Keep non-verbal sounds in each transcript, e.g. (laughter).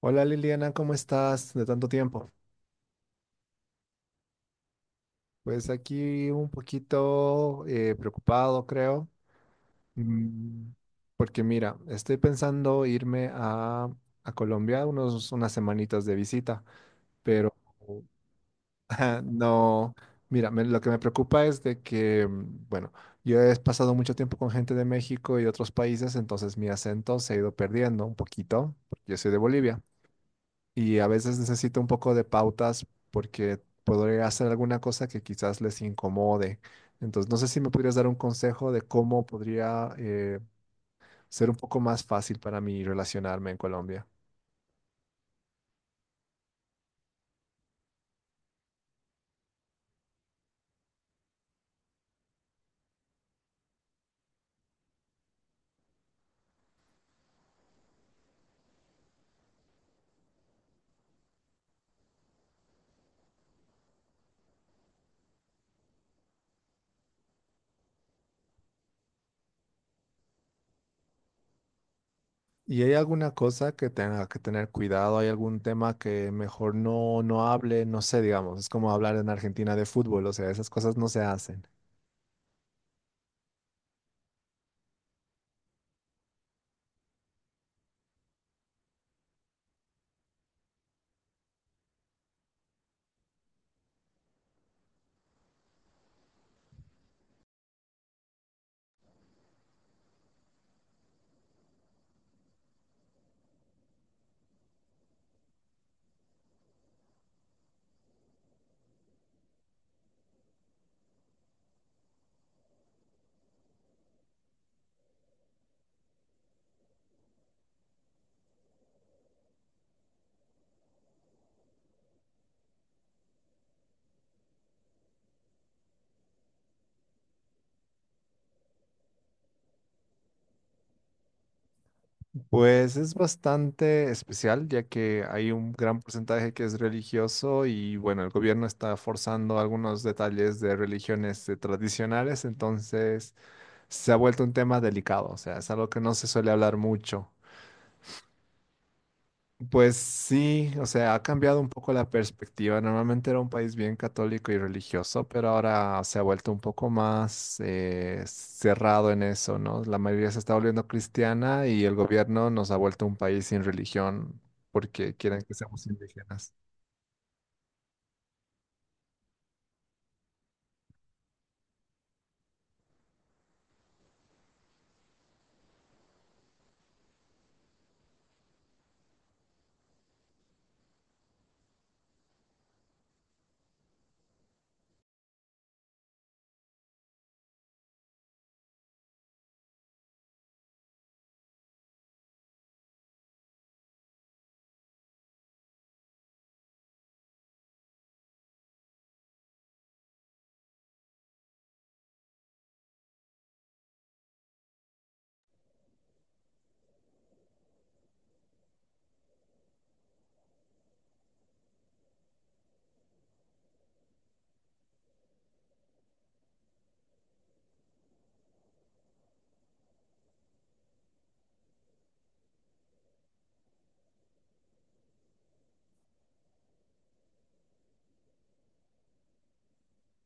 Hola, Liliana, ¿cómo estás? De tanto tiempo. Pues aquí un poquito preocupado, creo. Mm, Porque mira, estoy pensando irme a Colombia unos, unas semanitas de visita, pero (laughs) ajá, no, mira, lo que me preocupa es de que, bueno, yo he pasado mucho tiempo con gente de México y de otros países, entonces mi acento se ha ido perdiendo un poquito, porque yo soy de Bolivia. Y a veces necesito un poco de pautas porque podría hacer alguna cosa que quizás les incomode. Entonces, no sé si me podrías dar un consejo de cómo podría ser un poco más fácil para mí relacionarme en Colombia. ¿Y hay alguna cosa que tenga que tener cuidado? ¿Hay algún tema que mejor no hable? No sé, digamos, es como hablar en Argentina de fútbol, o sea, esas cosas no se hacen. Pues es bastante especial, ya que hay un gran porcentaje que es religioso y bueno, el gobierno está forzando algunos detalles de religiones tradicionales, entonces se ha vuelto un tema delicado, o sea, es algo que no se suele hablar mucho. Pues sí, o sea, ha cambiado un poco la perspectiva. Normalmente era un país bien católico y religioso, pero ahora se ha vuelto un poco más cerrado en eso, ¿no? La mayoría se está volviendo cristiana y el gobierno nos ha vuelto un país sin religión porque quieren que seamos indígenas.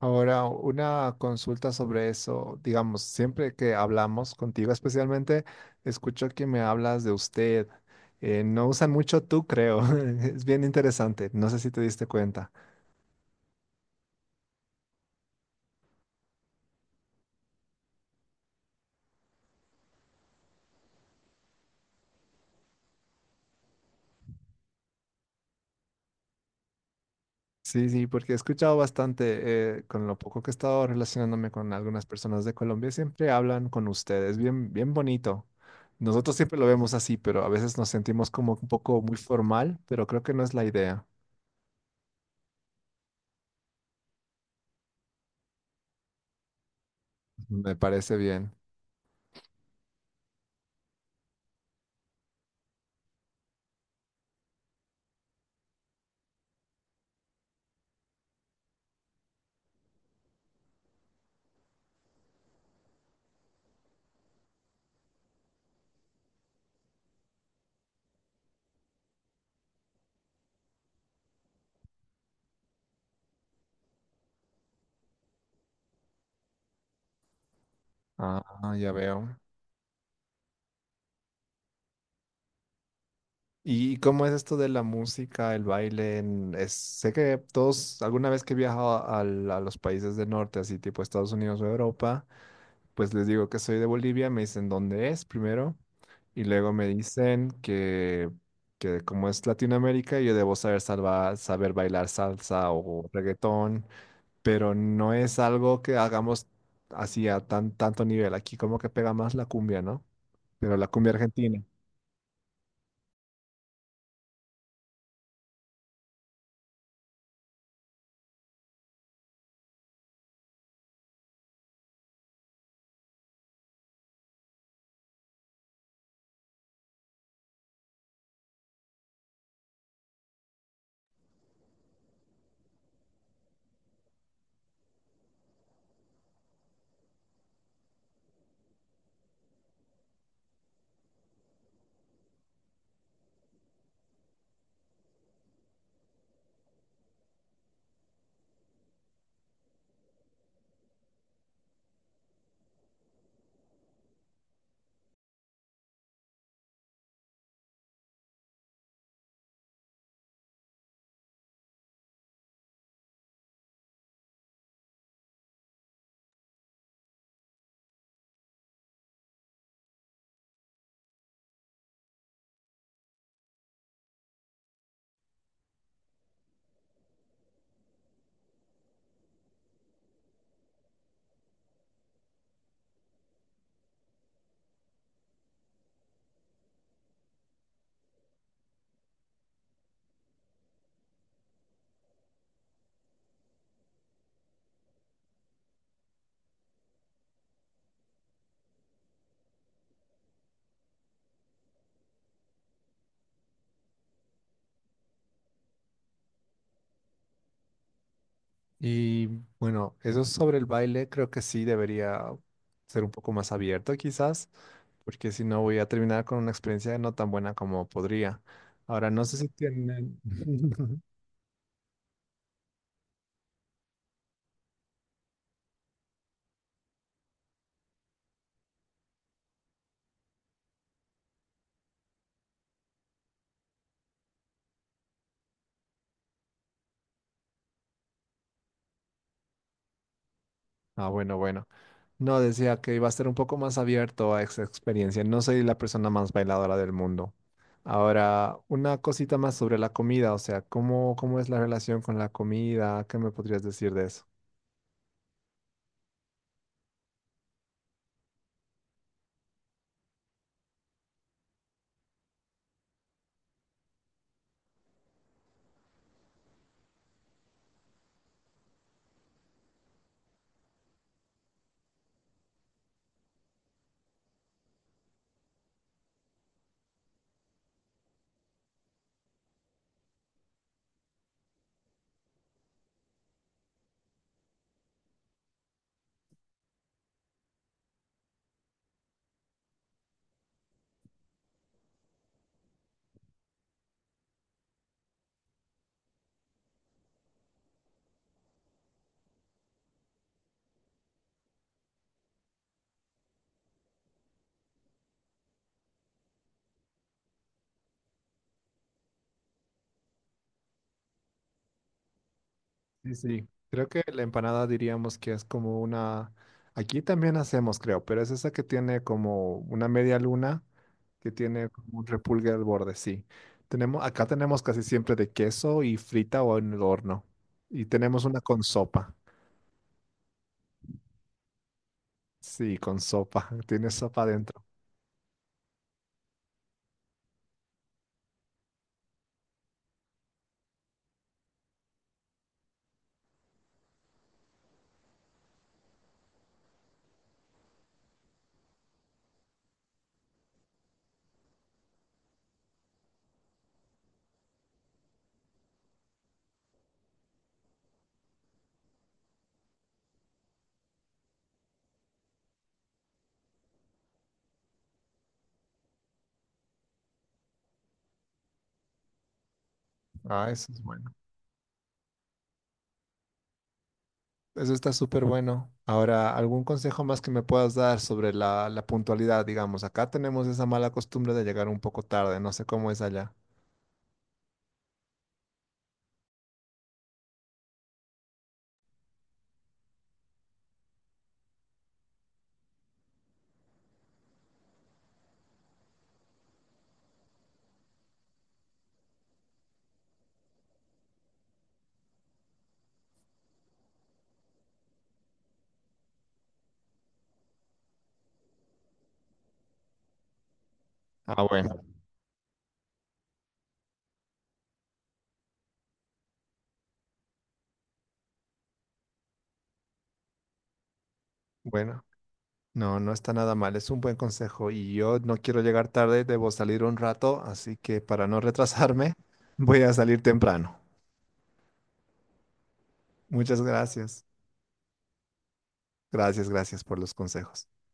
Ahora, una consulta sobre eso. Digamos, siempre que hablamos contigo, especialmente, escucho que me hablas de usted. No usan mucho tú, creo. (laughs) Es bien interesante. No sé si te diste cuenta. Sí, sí, porque he escuchado bastante, con lo poco que he estado relacionándome con algunas personas de Colombia, siempre hablan con ustedes, bien, bien bonito. Nosotros siempre lo vemos así, pero a veces nos sentimos como un poco muy formal, pero creo que no es la idea. Me parece bien. Ah, ah, ya veo. ¿Y cómo es esto de la música, el baile? Sé que todos, alguna vez que he viajado a los países del norte, así tipo Estados Unidos o Europa, pues les digo que soy de Bolivia, me dicen dónde es primero y luego me dicen que como es Latinoamérica yo debo saber saber bailar salsa o reggaetón, pero no es algo que hagamos así a tan, tanto nivel. Aquí como que pega más la cumbia, ¿no? Pero la cumbia argentina. Y bueno, eso sobre el baile creo que sí debería ser un poco más abierto quizás, porque si no voy a terminar con una experiencia no tan buena como podría. Ahora, no sé si tienen... (laughs) Ah, bueno, bueno. No, decía que iba a ser un poco más abierto a esa experiencia. No soy la persona más bailadora del mundo. Ahora, una cosita más sobre la comida, o sea, ¿cómo, cómo es la relación con la comida? ¿Qué me podrías decir de eso? Sí, sí. Creo que la empanada diríamos que es como una... Aquí también hacemos, creo, pero es esa que tiene como una media luna, que tiene como un repulgue al borde, sí. Tenemos, acá tenemos casi siempre de queso y frita o en el horno. Y tenemos una con sopa. Sí, con sopa. (laughs) Tiene sopa dentro. Ah, eso es bueno. Eso está súper bueno. Ahora, ¿algún consejo más que me puedas dar sobre la, la puntualidad, digamos? Acá tenemos esa mala costumbre de llegar un poco tarde. No sé cómo es allá. Ah, bueno. Bueno, no, no está nada mal, es un buen consejo y yo no quiero llegar tarde, debo salir un rato, así que para no retrasarme, (laughs) voy a salir temprano. Muchas gracias. Gracias, gracias por los consejos.